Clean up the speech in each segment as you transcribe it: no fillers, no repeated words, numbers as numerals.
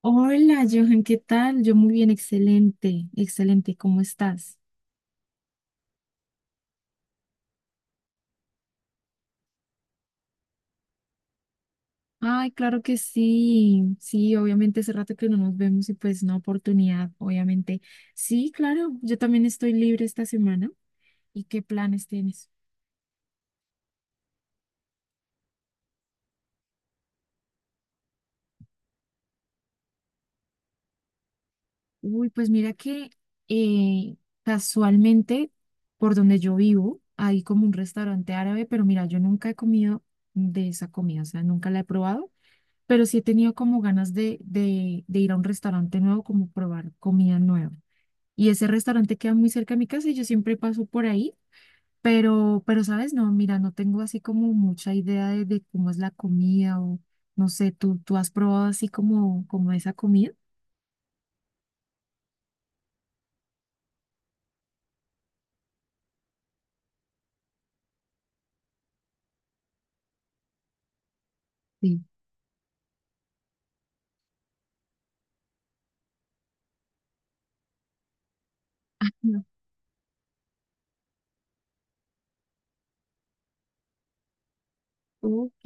Hola, Johan, ¿qué tal? Yo muy bien, excelente, excelente, ¿cómo estás? Ay, claro que sí, sí, obviamente hace rato que no nos vemos y pues una oportunidad, obviamente. Sí, claro, yo también estoy libre esta semana. ¿Y qué planes tienes? Uy, pues mira que eh, casualmente por donde yo vivo hay como un restaurante árabe, pero mira, yo nunca he comido de esa comida, o sea, nunca la he probado, pero sí he tenido como ganas de ir a un restaurante nuevo, como probar comida nueva. Y ese restaurante queda muy cerca de mi casa y yo siempre paso por ahí, pero, ¿sabes? No, mira, no tengo así como mucha idea de cómo es la comida o no sé, ¿tú has probado así como, como esa comida? Sí. Ah, no. Ok.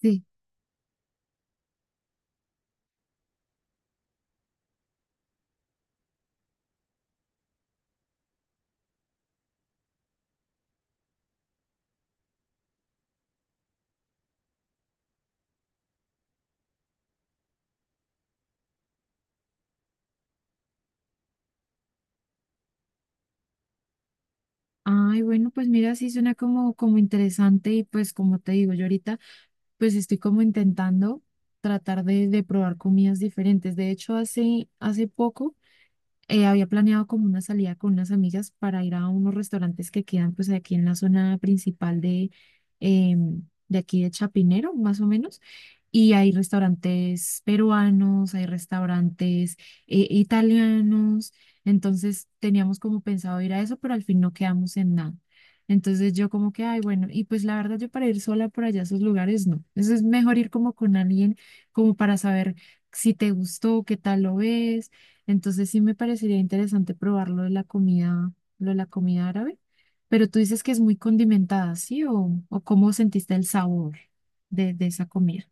Sí. Ay, bueno, pues mira, sí suena como, como interesante y pues como te digo, yo ahorita pues estoy como intentando tratar de probar comidas diferentes. De hecho, hace poco había planeado como una salida con unas amigas para ir a unos restaurantes que quedan pues aquí en la zona principal de, em, de aquí de Chapinero, más o menos. Y hay restaurantes peruanos, hay restaurantes italianos. Entonces teníamos como pensado ir a eso, pero al fin no quedamos en nada. Entonces yo como que, ay, bueno, y pues la verdad yo para ir sola por allá a esos lugares no. Eso es mejor ir como con alguien, como para saber si te gustó, qué tal lo ves, entonces sí me parecería interesante probar lo de la comida, lo de la comida árabe. Pero tú dices que es muy condimentada, ¿sí? O cómo sentiste el sabor de esa comida?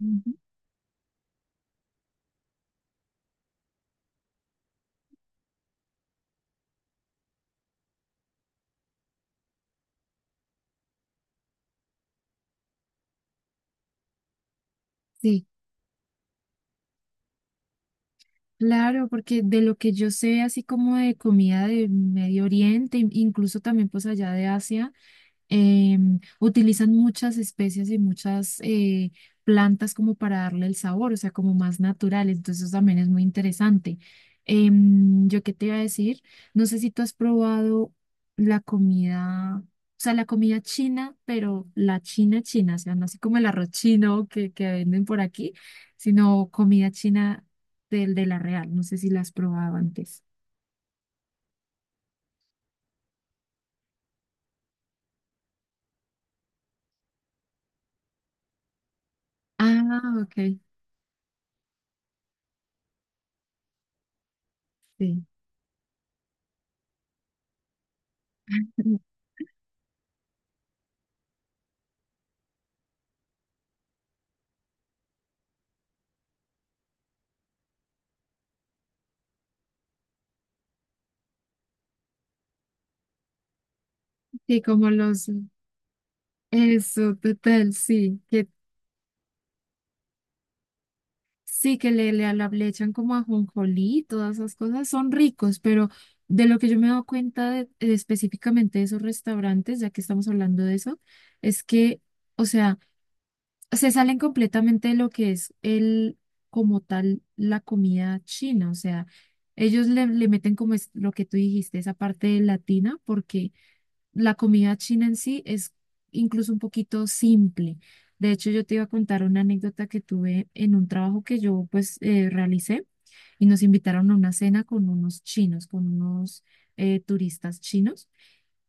Ujú. Sí, claro, porque de lo que yo sé, así como de comida de Medio Oriente, incluso también pues allá de Asia. Em, utilizan muchas especies y muchas plantas como para darle el sabor, o sea, como más natural. Entonces, eso también es muy interesante. Em, yo qué te iba a decir, no sé si tú has probado la comida, o sea, la comida china, pero la china china, o sea, no así como el arroz chino que venden por aquí, sino comida china del de la real. No sé si la has probado antes. Ah, ok. Sí. Sí, como los, eso, total, sí, que le, le echan como ajonjolí, todas esas cosas son ricos, pero de lo que yo me he dado cuenta de específicamente de esos restaurantes, ya que estamos hablando de eso, es que, o sea, se salen completamente de lo que es el, como tal, la comida china, o sea, ellos le, le meten como es lo que tú dijiste, esa parte latina, porque la comida china en sí es incluso un poquito simple. De hecho, yo te iba a contar una anécdota que tuve en un trabajo que yo pues realicé y nos invitaron a una cena con unos chinos, con unos turistas chinos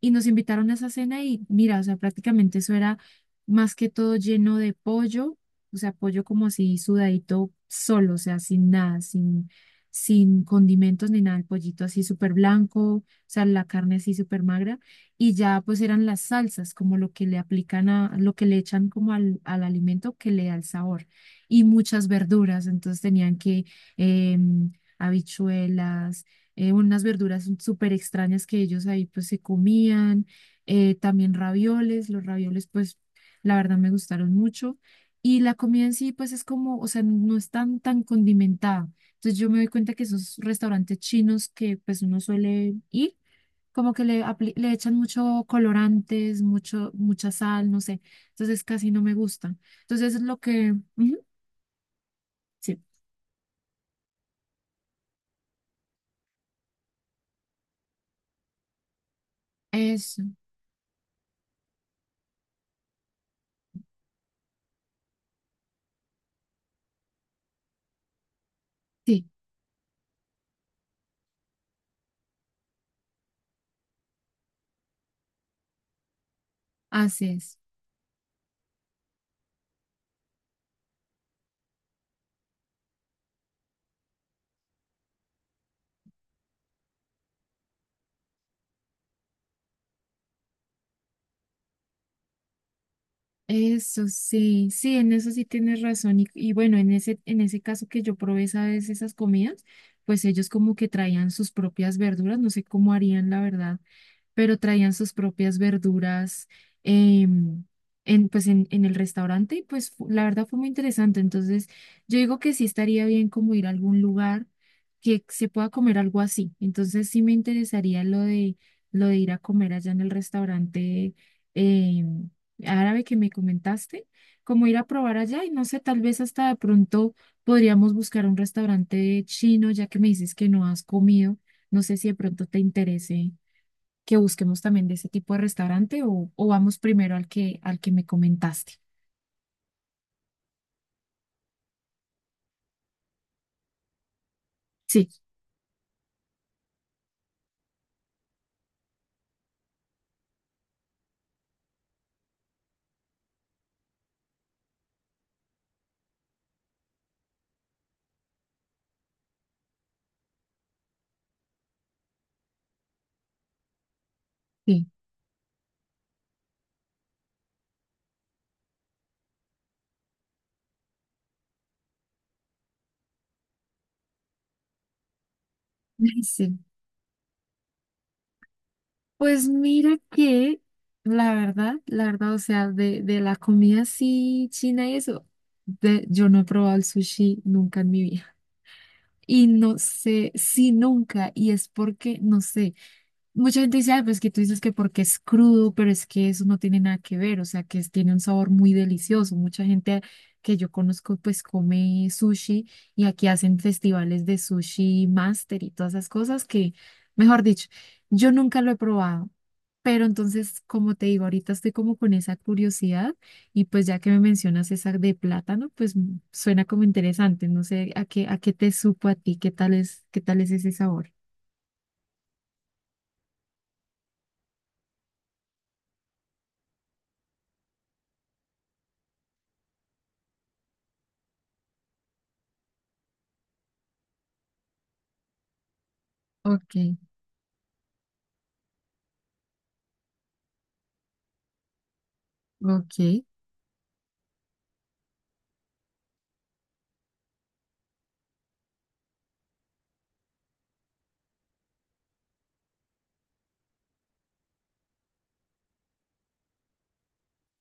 y nos invitaron a esa cena y mira, o sea, prácticamente eso era más que todo lleno de pollo, o sea, pollo como así sudadito solo, o sea, sin nada, sin, sin condimentos ni nada, el pollito así súper blanco, o sea, la carne así súper magra y ya pues eran las salsas, como lo que le aplican a, lo que le echan como al, al alimento que le da el sabor y muchas verduras, entonces tenían que... em, habichuelas, unas verduras súper extrañas que ellos ahí pues se comían, también ravioles, los ravioles pues la verdad me gustaron mucho y la comida en sí pues es como, o sea, no es tan, tan condimentada. Entonces yo me doy cuenta que esos restaurantes chinos que pues uno suele ir, como que le, le echan mucho colorantes, mucho, mucha sal, no sé, entonces casi no me gustan. Entonces es lo que, ujú, sí, eso, sí, así es. Eso sí, sí, en eso sí tienes razón. Y bueno, en ese caso que yo probé esa vez esas comidas, pues ellos como que traían sus propias verduras, no sé cómo harían, la verdad, pero traían sus propias verduras, em, en, pues en el restaurante y pues la verdad fue muy interesante. Entonces yo digo que sí estaría bien como ir a algún lugar que se pueda comer algo así. Entonces sí me interesaría lo de ir a comer allá en el restaurante, em, árabe que me comentaste, como ir a probar allá y no sé, tal vez hasta de pronto podríamos buscar un restaurante chino ya que me dices que no has comido. ¿No sé si de pronto te interese que busquemos también de ese tipo de restaurante o vamos primero al que me comentaste? Sí, sí, sí. Pues mira que la verdad, o sea, de la comida así china y eso, de, yo no he probado el sushi nunca en mi vida. Y no sé si nunca, y es porque, no sé. Mucha gente dice, "Ay, pues que tú dices que porque es crudo, pero es que eso no tiene nada que ver, o sea, que tiene un sabor muy delicioso. Mucha gente que yo conozco, pues come sushi y aquí hacen festivales de sushi master y todas esas cosas que, mejor dicho, yo nunca lo he probado. Pero entonces, como te digo, ahorita estoy como con esa curiosidad y pues ya que me mencionas esa de plátano, pues mm, suena como interesante. No sé a qué te supo a ti, qué tal es ese sabor. Ok, ok.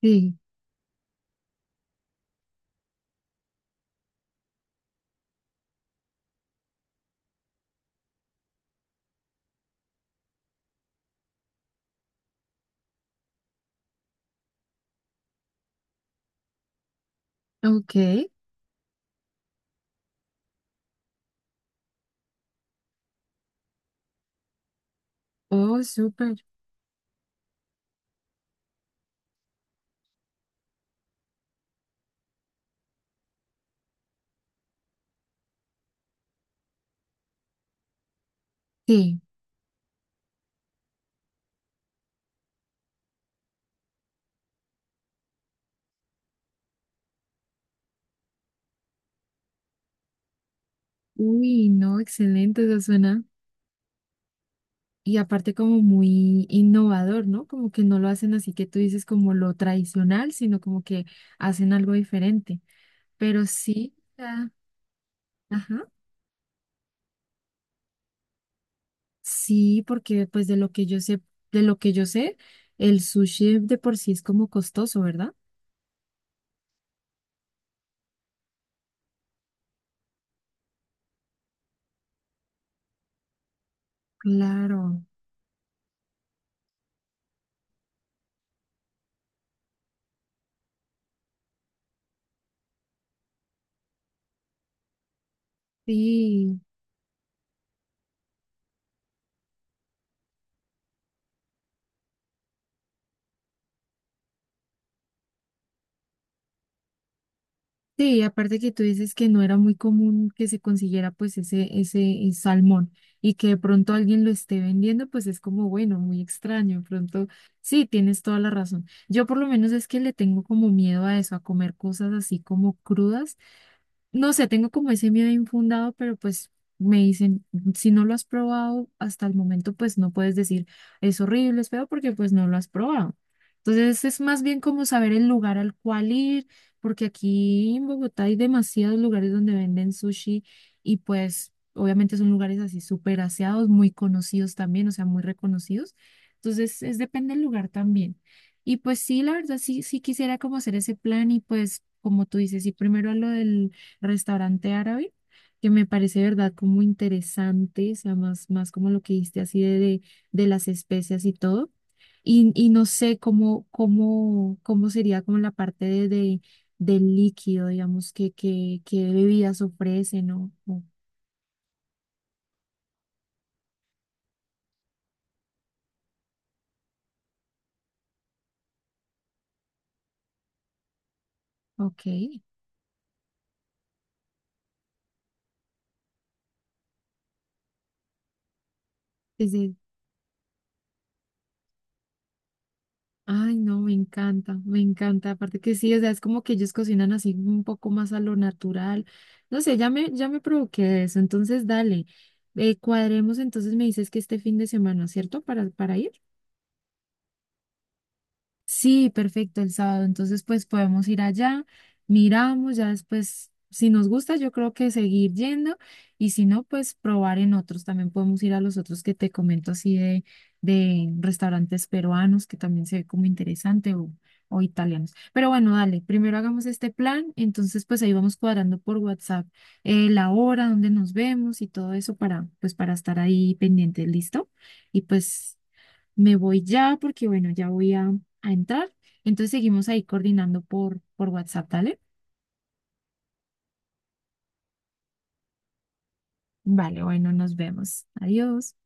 Sí, ok. Oh, súper. Sí. Uy, no, excelente, eso suena. Y aparte como muy innovador, ¿no? Como que no lo hacen así que tú dices como lo tradicional, sino como que hacen algo diferente. Pero sí, ah, ajá. Sí, porque pues de lo que yo sé, de lo que yo sé, el sushi de por sí es como costoso, ¿verdad? Claro. Sí. Sí, aparte que tú dices que no era muy común que se consiguiera pues ese salmón y que de pronto alguien lo esté vendiendo, pues es como, bueno, muy extraño. De pronto, sí, tienes toda la razón. Yo por lo menos es que le tengo como miedo a eso, a comer cosas así como crudas, no sé, tengo como ese miedo infundado, pero pues me dicen, si no lo has probado hasta el momento, pues no puedes decir es horrible, es feo, porque pues no lo has probado. Entonces es más bien como saber el lugar al cual ir, porque aquí en Bogotá hay demasiados lugares donde venden sushi y pues obviamente son lugares así súper aseados, muy conocidos también, o sea, muy reconocidos. Entonces es depende del lugar también. Y pues sí, la verdad, sí, sí quisiera como hacer ese plan y pues como tú dices, y primero a lo del restaurante árabe, que me parece, ¿verdad? Como interesante, o sea, más, más como lo que dijiste así de las especias y todo. Y no sé cómo, cómo, cómo sería como la parte de, del líquido, digamos, que bebidas ofrecen, ¿no? O- Ok. Ay, no, me encanta, me encanta. Aparte que sí, o sea, es como que ellos cocinan así un poco más a lo natural. No sé, ya me provoqué eso. Entonces, dale, cuadremos. Entonces me dices que este fin de semana, ¿cierto? Para ir. Sí, perfecto, el sábado. Entonces, pues podemos ir allá, miramos, ya después, si nos gusta, yo creo que seguir yendo y si no, pues probar en otros. También podemos ir a los otros que te comento así de restaurantes peruanos, que también se ve como interesante o italianos. Pero bueno, dale, primero hagamos este plan, entonces pues ahí vamos cuadrando por WhatsApp la hora, dónde nos vemos y todo eso para, pues para estar ahí pendientes, ¿listo? Y pues me voy ya porque, bueno, ya voy a entrar. Entonces seguimos ahí coordinando por WhatsApp, ¿dale? Vale, bueno, nos vemos. Adiós.